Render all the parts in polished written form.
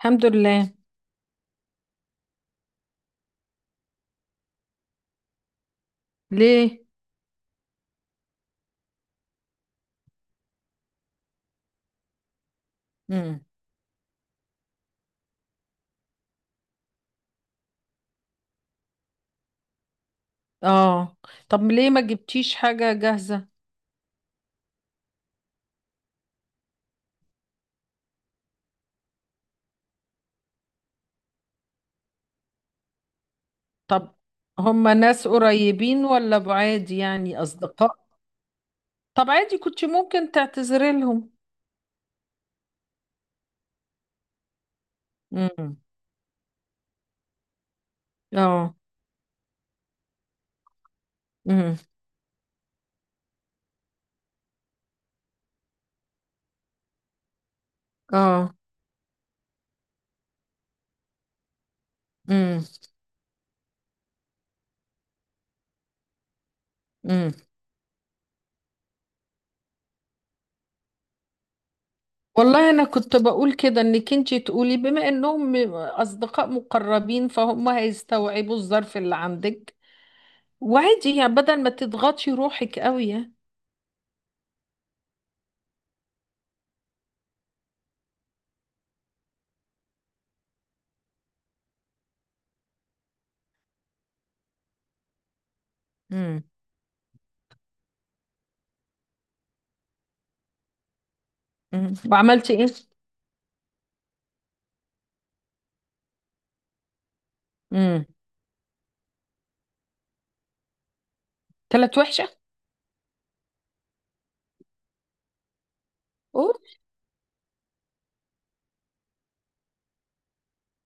الحمد لله. ليه؟ امم. اه. طب ليه ما جبتيش حاجة جاهزة؟ طب هما ناس قريبين ولا بعاد، يعني أصدقاء؟ طب عادي كنت ممكن تعتذري لهم. امم. اه. امم. اه. امم. امم والله انا كنت بقول كده انك انتي تقولي بما انهم اصدقاء مقربين فهم هيستوعبوا الظرف اللي عندك. وعادي يعني بدل ما تضغطي روحك قوي يعني. امم. وعملتي ايه؟ طلعت وحشة؟ اوه.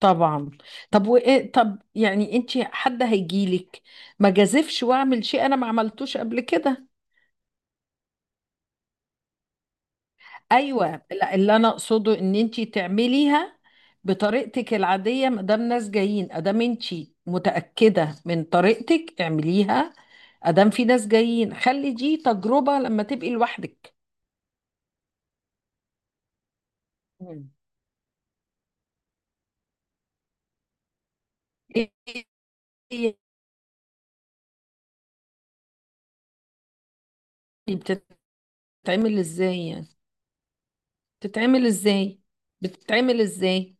طبعا. طب وايه؟ طب يعني انت حد هيجيلك؟ ما جازفش واعمل شيء انا ما عملتوش قبل كده. ايوه، لا اللي انا اقصده ان انت تعمليها بطريقتك العادية ما دام ناس جايين ادام انت متأكدة من طريقتك اعمليها. ادام في ناس جايين خلي دي تجربة لما تبقي لوحدك. مم. ايه؟ إيه؟ بتتعمل ازاي يعني؟ بتتعمل ازاي؟ بتتعمل ازاي؟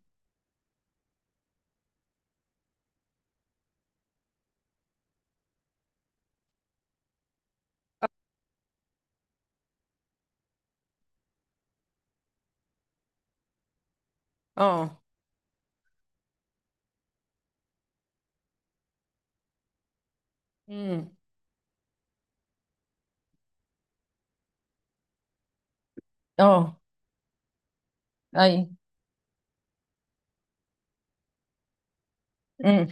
اه. مم. اه. اي. امم.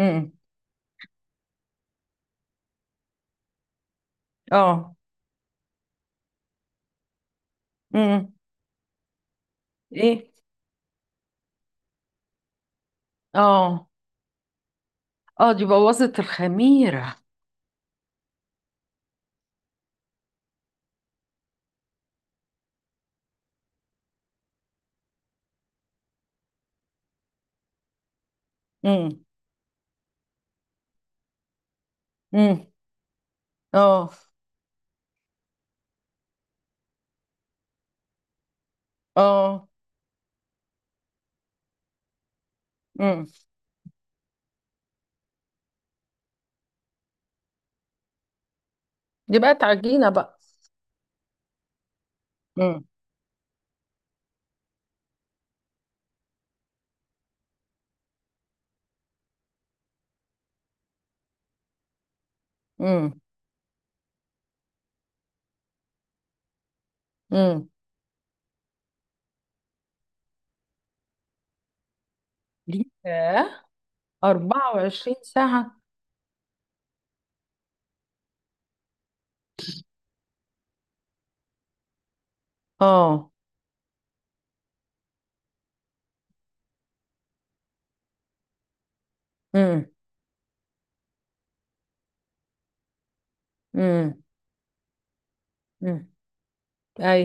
امم. اه. امم. ايه؟ اه. اه دي بوظت الخميرة. امم. امم. اه. اه. امم. دي بقت عجينة بقى؟ امم. امم. امم. ليها 24 ساعة؟ اه. امم. امم. امم. اي.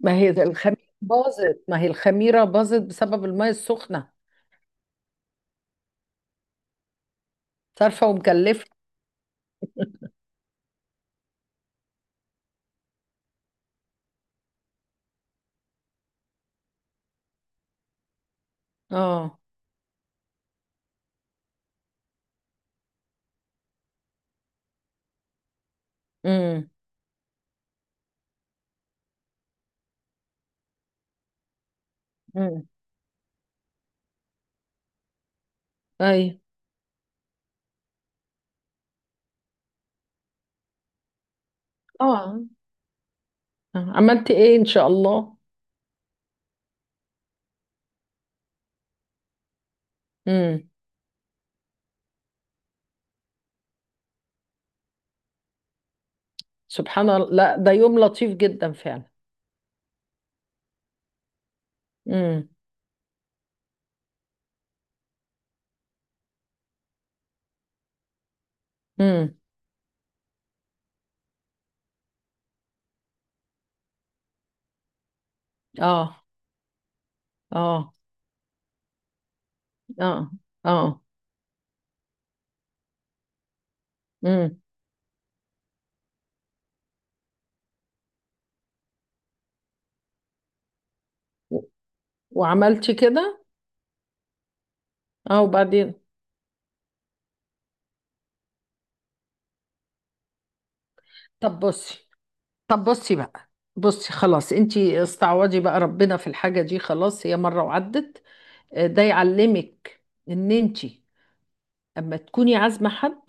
ما هي ده الخميرة باظت، ما هي الخميرة باظت بسبب المية السخنة. صارفة ومكلفة. اه. امم. امم. اي. اه. عملتي ايه ان شاء الله؟ امم. سبحان الله، لا ده يوم لطيف جدا فعلا. امم. امم. اه. اه. اه. اه. امم. وعملتي كده؟ اه، وبعدين؟ طب بصي. طب بصي بقى. بصي خلاص انتي استعوضي بقى ربنا في الحاجة دي، خلاص هي مرة وعدت. ده يعلمك ان انتي اما تكوني عازمه حد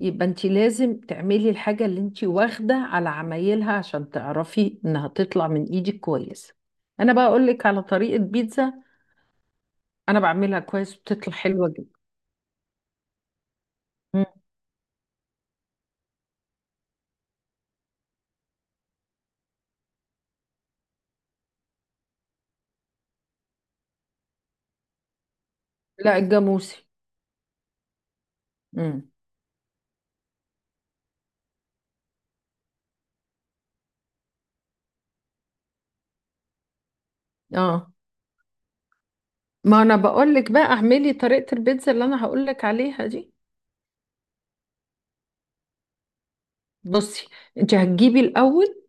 يبقى انت لازم تعملي الحاجه اللي انت واخده على عمايلها عشان تعرفي انها تطلع من ايدك كويسه. انا بقى اقول لك على طريقه بيتزا. انا بعملها كويس وبتطلع حلوه جدا. مم. لا، الجاموسي. امم. اه ما انا بقول لك بقى اعملي طريقه البيتزا اللي انا هقول لك عليها دي. بصي، انت هتجيبي الاول،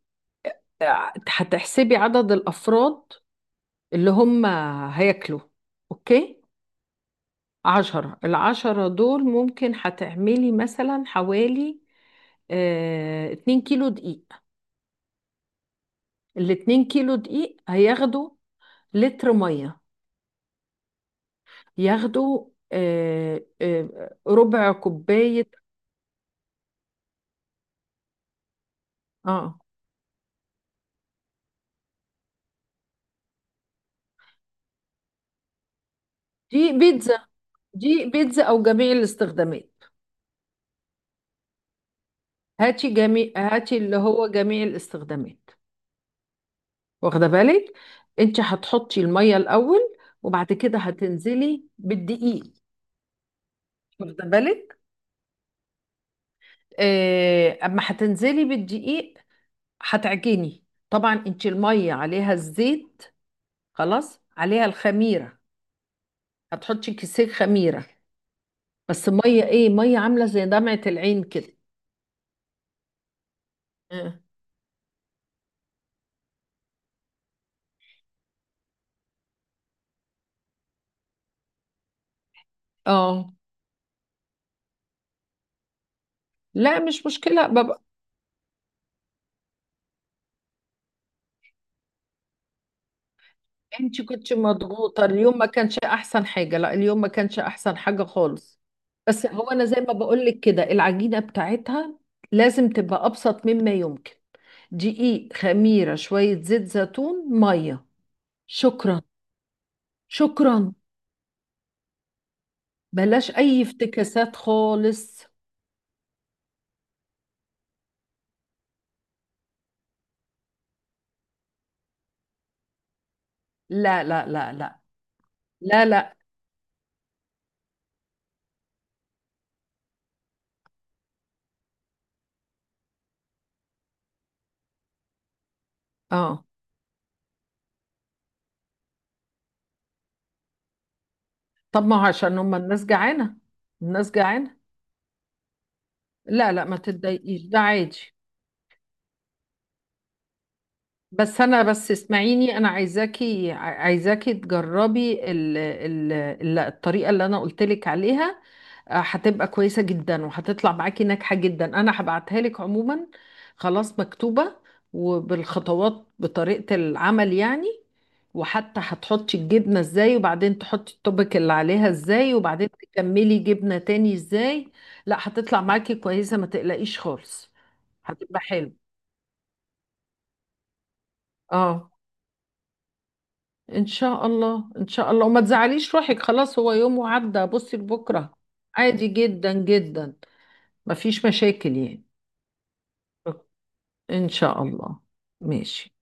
هتحسبي عدد الافراد اللي هم هياكلوا. اوكي، عشرة، العشرة دول ممكن هتعملي مثلا حوالي اتنين كيلو دقيق. الاتنين كيلو دقيق هياخدوا لتر مية، ياخدوا ربع كوباية. اه. دي بيتزا؟ دي بيتزا او جميع الاستخدامات؟ هاتي اللي هو جميع الاستخدامات. واخده بالك، انت هتحطي المية الاول وبعد كده هتنزلي بالدقيق. واخده بالك، اما هتنزلي بالدقيق هتعجني. طبعا انت الميه عليها الزيت، خلاص عليها الخميره، هتحطي كيسين خميره، بس ميه، ايه ميه؟ عامله زي دمعه العين كده. اه. آه. لا مش مشكله بابا. انت كنت مضغوطه اليوم، ما كانش احسن حاجه، لا اليوم ما كانش احسن حاجه خالص. بس هو انا زي ما بقول لك كده العجينه بتاعتها لازم تبقى ابسط مما يمكن. دقيق، خميره، شويه زيت زيتون، ميه. شكرا. شكرا. بلاش اي افتكاسات خالص. لا لا لا لا. لا لا. اه طب ما هو عشان هم الناس جعانه. الناس جعانه. لا لا، ما تتضايقيش، ده عادي. بس انا بس اسمعيني، انا عايزاكي عايزاكي تجربي الطريقه اللي انا قلت لك عليها. هتبقى كويسه جدا وهتطلع معاكي ناجحه جدا، انا هبعتها لك عموما. خلاص مكتوبه وبالخطوات بطريقه العمل يعني، وحتى هتحطي الجبنه ازاي وبعدين تحطي الطبق اللي عليها ازاي وبعدين تكملي جبنه تاني ازاي. لا هتطلع معاكي كويسه، ما تقلقيش خالص. هتبقى حلو. اه. ان شاء الله، ان شاء الله، وما تزعليش روحك، خلاص هو يوم وعدى، بصي لبكره. عادي جدا جدا. مفيش مشاكل يعني. ان شاء الله. ماشي.